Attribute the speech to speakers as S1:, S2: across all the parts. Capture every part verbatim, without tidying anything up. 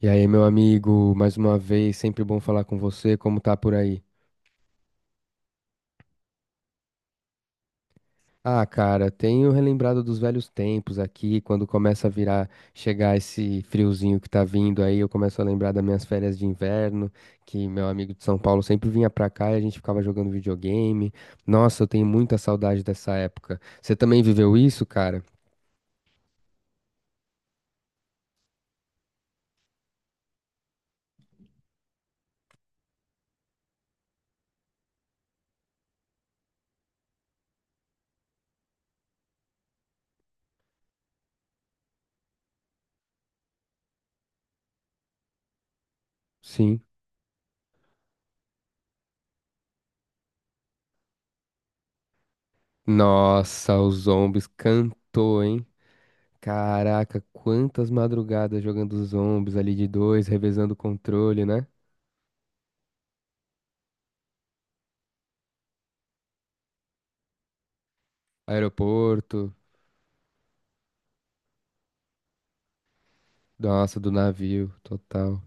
S1: E aí, meu amigo, mais uma vez, sempre bom falar com você, como tá por aí? Ah, cara, tenho relembrado dos velhos tempos aqui, quando começa a virar, chegar esse friozinho que tá vindo aí, eu começo a lembrar das minhas férias de inverno, que meu amigo de São Paulo sempre vinha pra cá e a gente ficava jogando videogame. Nossa, eu tenho muita saudade dessa época. Você também viveu isso, cara? Sim. Nossa, o Zombies cantou, hein? Caraca, quantas madrugadas jogando os zombies ali de dois, revezando o controle, né? Aeroporto, nossa, do navio, total.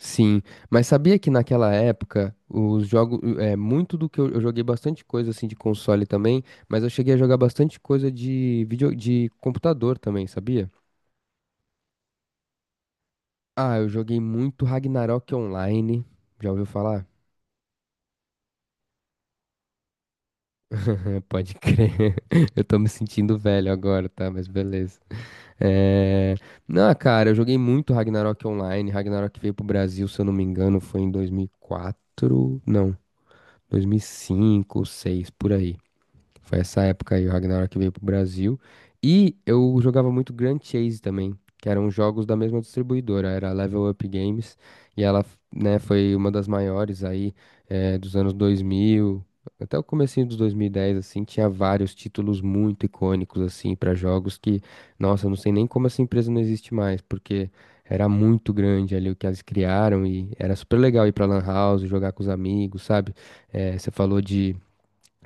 S1: Sim, mas sabia que naquela época os jogos, é, muito do que eu, eu joguei bastante coisa assim de console também, mas eu cheguei a jogar bastante coisa de vídeo, de computador também, sabia? Ah, eu joguei muito Ragnarok Online. Já ouviu falar? Pode crer. Eu tô me sentindo velho agora, tá? Mas beleza. É... Não, cara, eu joguei muito Ragnarok Online. Ragnarok veio pro Brasil, se eu não me engano, foi em dois mil e quatro. Não, dois mil e cinco, seis por aí. Foi essa época aí, o Ragnarok veio pro Brasil. E eu jogava muito Grand Chase também, que eram jogos da mesma distribuidora, era a Level Up Games. E ela, né, foi uma das maiores aí, eh, dos anos dois mil, até o comecinho dos dois mil e dez, assim, tinha vários títulos muito icônicos, assim, para jogos que, nossa, eu não sei nem como essa empresa não existe mais, porque era muito grande ali o que elas criaram e era super legal ir pra Lan House, jogar com os amigos, sabe? Eh, você falou de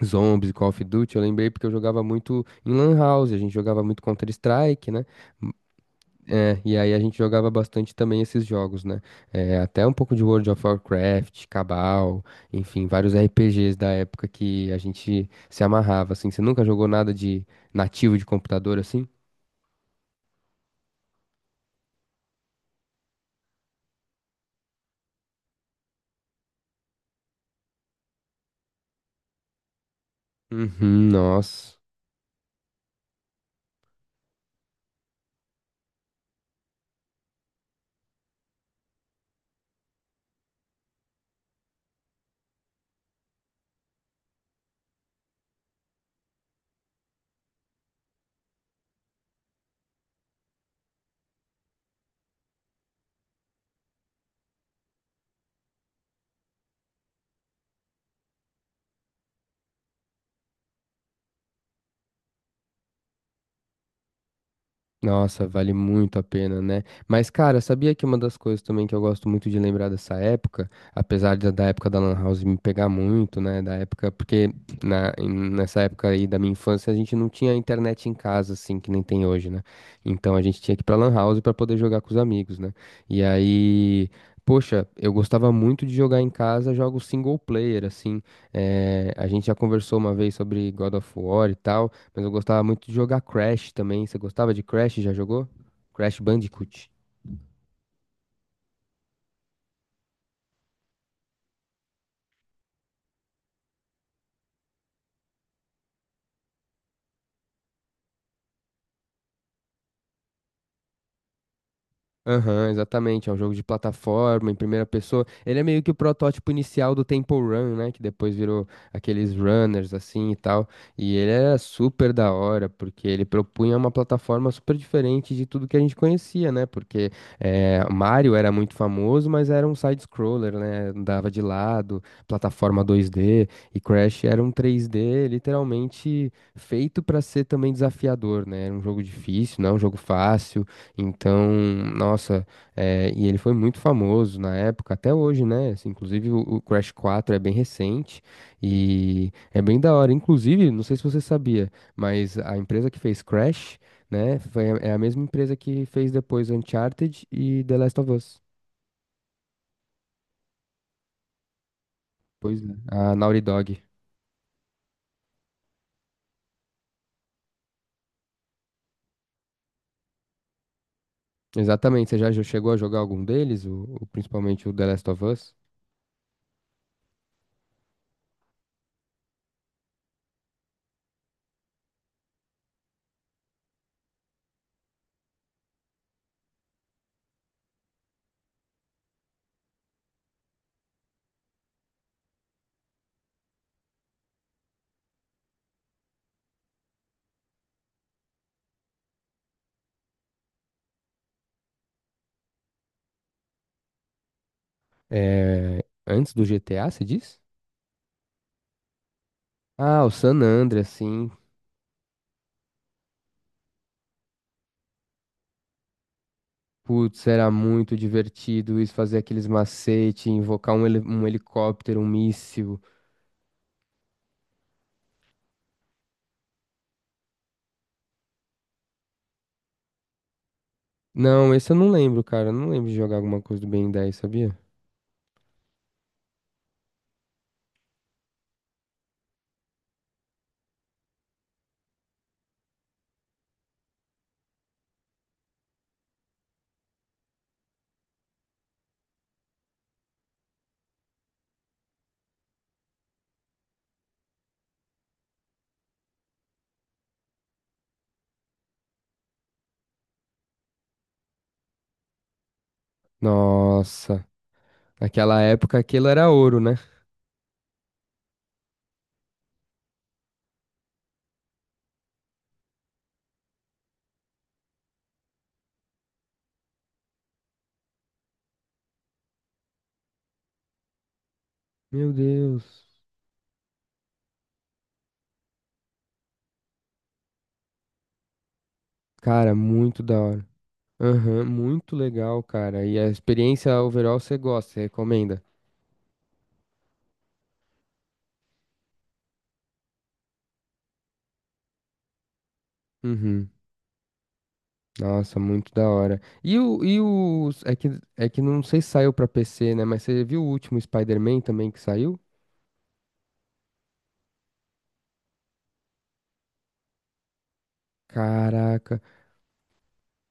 S1: Zombies, Call of Duty, eu lembrei porque eu jogava muito em Lan House, a gente jogava muito Counter-Strike, né? M- é, e aí a gente jogava bastante também esses jogos, né? É, até um pouco de World of Warcraft, Cabal, enfim, vários R P Gs da época que a gente se amarrava, assim. Você nunca jogou nada de nativo de computador assim? Uhum, nossa. Nossa, vale muito a pena, né? Mas, cara, sabia que uma das coisas também que eu gosto muito de lembrar dessa época, apesar de da época da Lan House me pegar muito, né? Da época, porque na, em- nessa época aí da minha infância a gente não tinha internet em casa, assim, que nem tem hoje, né? Então a gente tinha que ir pra Lan House pra poder jogar com os amigos, né? E aí. Poxa, eu gostava muito de jogar em casa jogos single player, assim. eh, a gente já conversou uma vez sobre God of War e tal. Mas eu gostava muito de jogar Crash também. Você gostava de Crash? Já jogou? Crash Bandicoot. Aham, exatamente. É um jogo de plataforma em primeira pessoa. Ele é meio que o protótipo inicial do Temple Run, né? Que depois virou aqueles runners assim e tal. E ele era super da hora, porque ele propunha uma plataforma super diferente de tudo que a gente conhecia, né? Porque eh, Mario era muito famoso, mas era um side-scroller, né? Andava de lado, plataforma dois D. E Crash era um três D literalmente feito para ser também desafiador, né? Era um jogo difícil, não é um jogo fácil. Então, nossa, eh, e ele foi muito famoso na época, até hoje, né? Assim, inclusive o, o Crash quatro é bem recente e é bem da hora. Inclusive, não sei se você sabia, mas a empresa que fez Crash, né, foi, a- é a mesma empresa que fez depois Uncharted e The Last of Us. Pois é, a Naughty Dog. Exatamente, você já já chegou a jogar algum deles, o, o- principalmente o The Last of Us? Eh, antes do G T A, você diz? Ah, o San Andreas, sim. Putz, era muito divertido isso, fazer aqueles macete, invocar um, heli- um helicóptero, um míssil. Não, esse eu não lembro, cara. Eu não lembro de jogar alguma coisa do Ben dez, sabia? Nossa, naquela época aquilo era ouro, né? Meu Deus. Cara, muito da hora. Aham, muito legal, cara. E a experiência overall você gosta, você recomenda? Uhum. Nossa, muito da hora. E o, e os, é que, é que não sei se saiu pra P C, né? Mas você viu o último Spider-Man também que saiu? Caraca.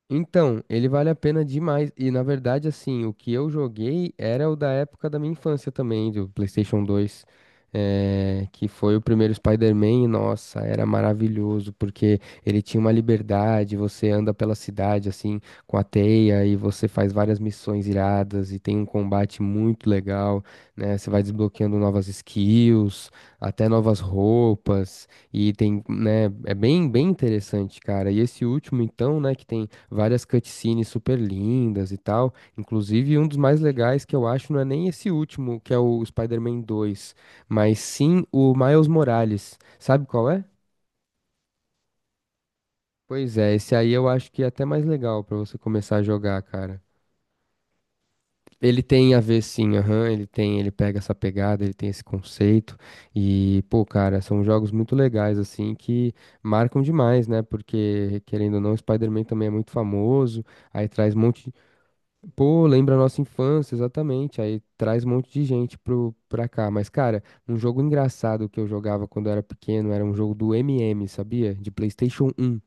S1: Então, ele vale a pena demais. E na verdade, assim, o que eu joguei era o da época da minha infância também, do PlayStation dois, eh, que foi o primeiro Spider-Man. E nossa, era maravilhoso, porque ele tinha uma liberdade. Você anda pela cidade, assim, com a teia, e você faz várias missões iradas, e tem um combate muito legal, né? Você vai desbloqueando novas skills, até novas roupas, e tem, né? É bem, bem interessante, cara. E esse último, então, né, que tem várias cutscenes super lindas e tal. Inclusive, um dos mais legais que eu acho não é nem esse último, que é o Spider-Man dois, mas sim o Miles Morales. Sabe qual é? Pois é, esse aí eu acho que é até mais legal pra você começar a jogar, cara. Ele tem a ver sim, aham, ele tem, ele pega essa pegada, ele tem esse conceito e, pô, cara, são jogos muito legais assim que marcam demais, né? Porque querendo ou não, o Spider-Man também é muito famoso, aí traz um monte. Pô, lembra a nossa infância, exatamente. Aí traz um monte de gente pro, pra cá. Mas, cara, um jogo engraçado que eu jogava quando eu era pequeno era um jogo do M M, sabia? De PlayStation um.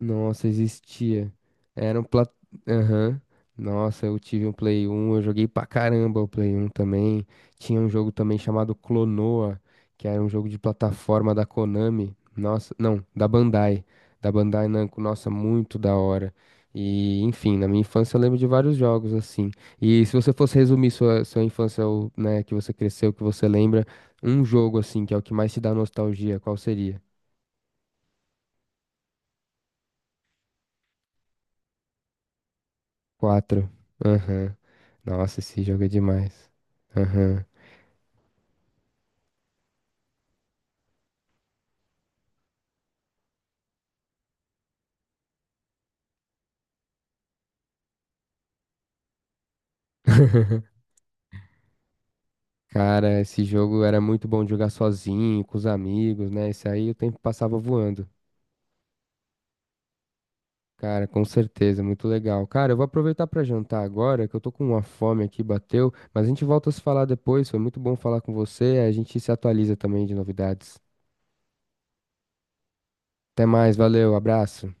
S1: Nossa, existia. Era um plat... Aham. Nossa, eu tive um Play um, eu joguei pra caramba o Play um também. Tinha um jogo também chamado Clonoa, que era um jogo de plataforma da Konami. Nossa, não, da Bandai. Da Bandai Namco, nossa, muito da hora. E, enfim, na minha infância eu lembro de vários jogos assim. E se você fosse resumir sua, sua infância, o- né, que você cresceu, que você lembra, um jogo assim, que é o que mais te dá nostalgia, qual seria? Quatro. Aham. Nossa, esse jogo é demais. Aham. Cara, esse jogo era muito bom de jogar sozinho, com os amigos, né? Esse aí o tempo passava voando. Cara, com certeza, muito legal. Cara, eu vou aproveitar pra jantar agora, que eu tô com uma fome aqui, bateu, mas a gente volta a se falar depois. Foi muito bom falar com você, a gente se atualiza também de novidades. Até mais, valeu, abraço.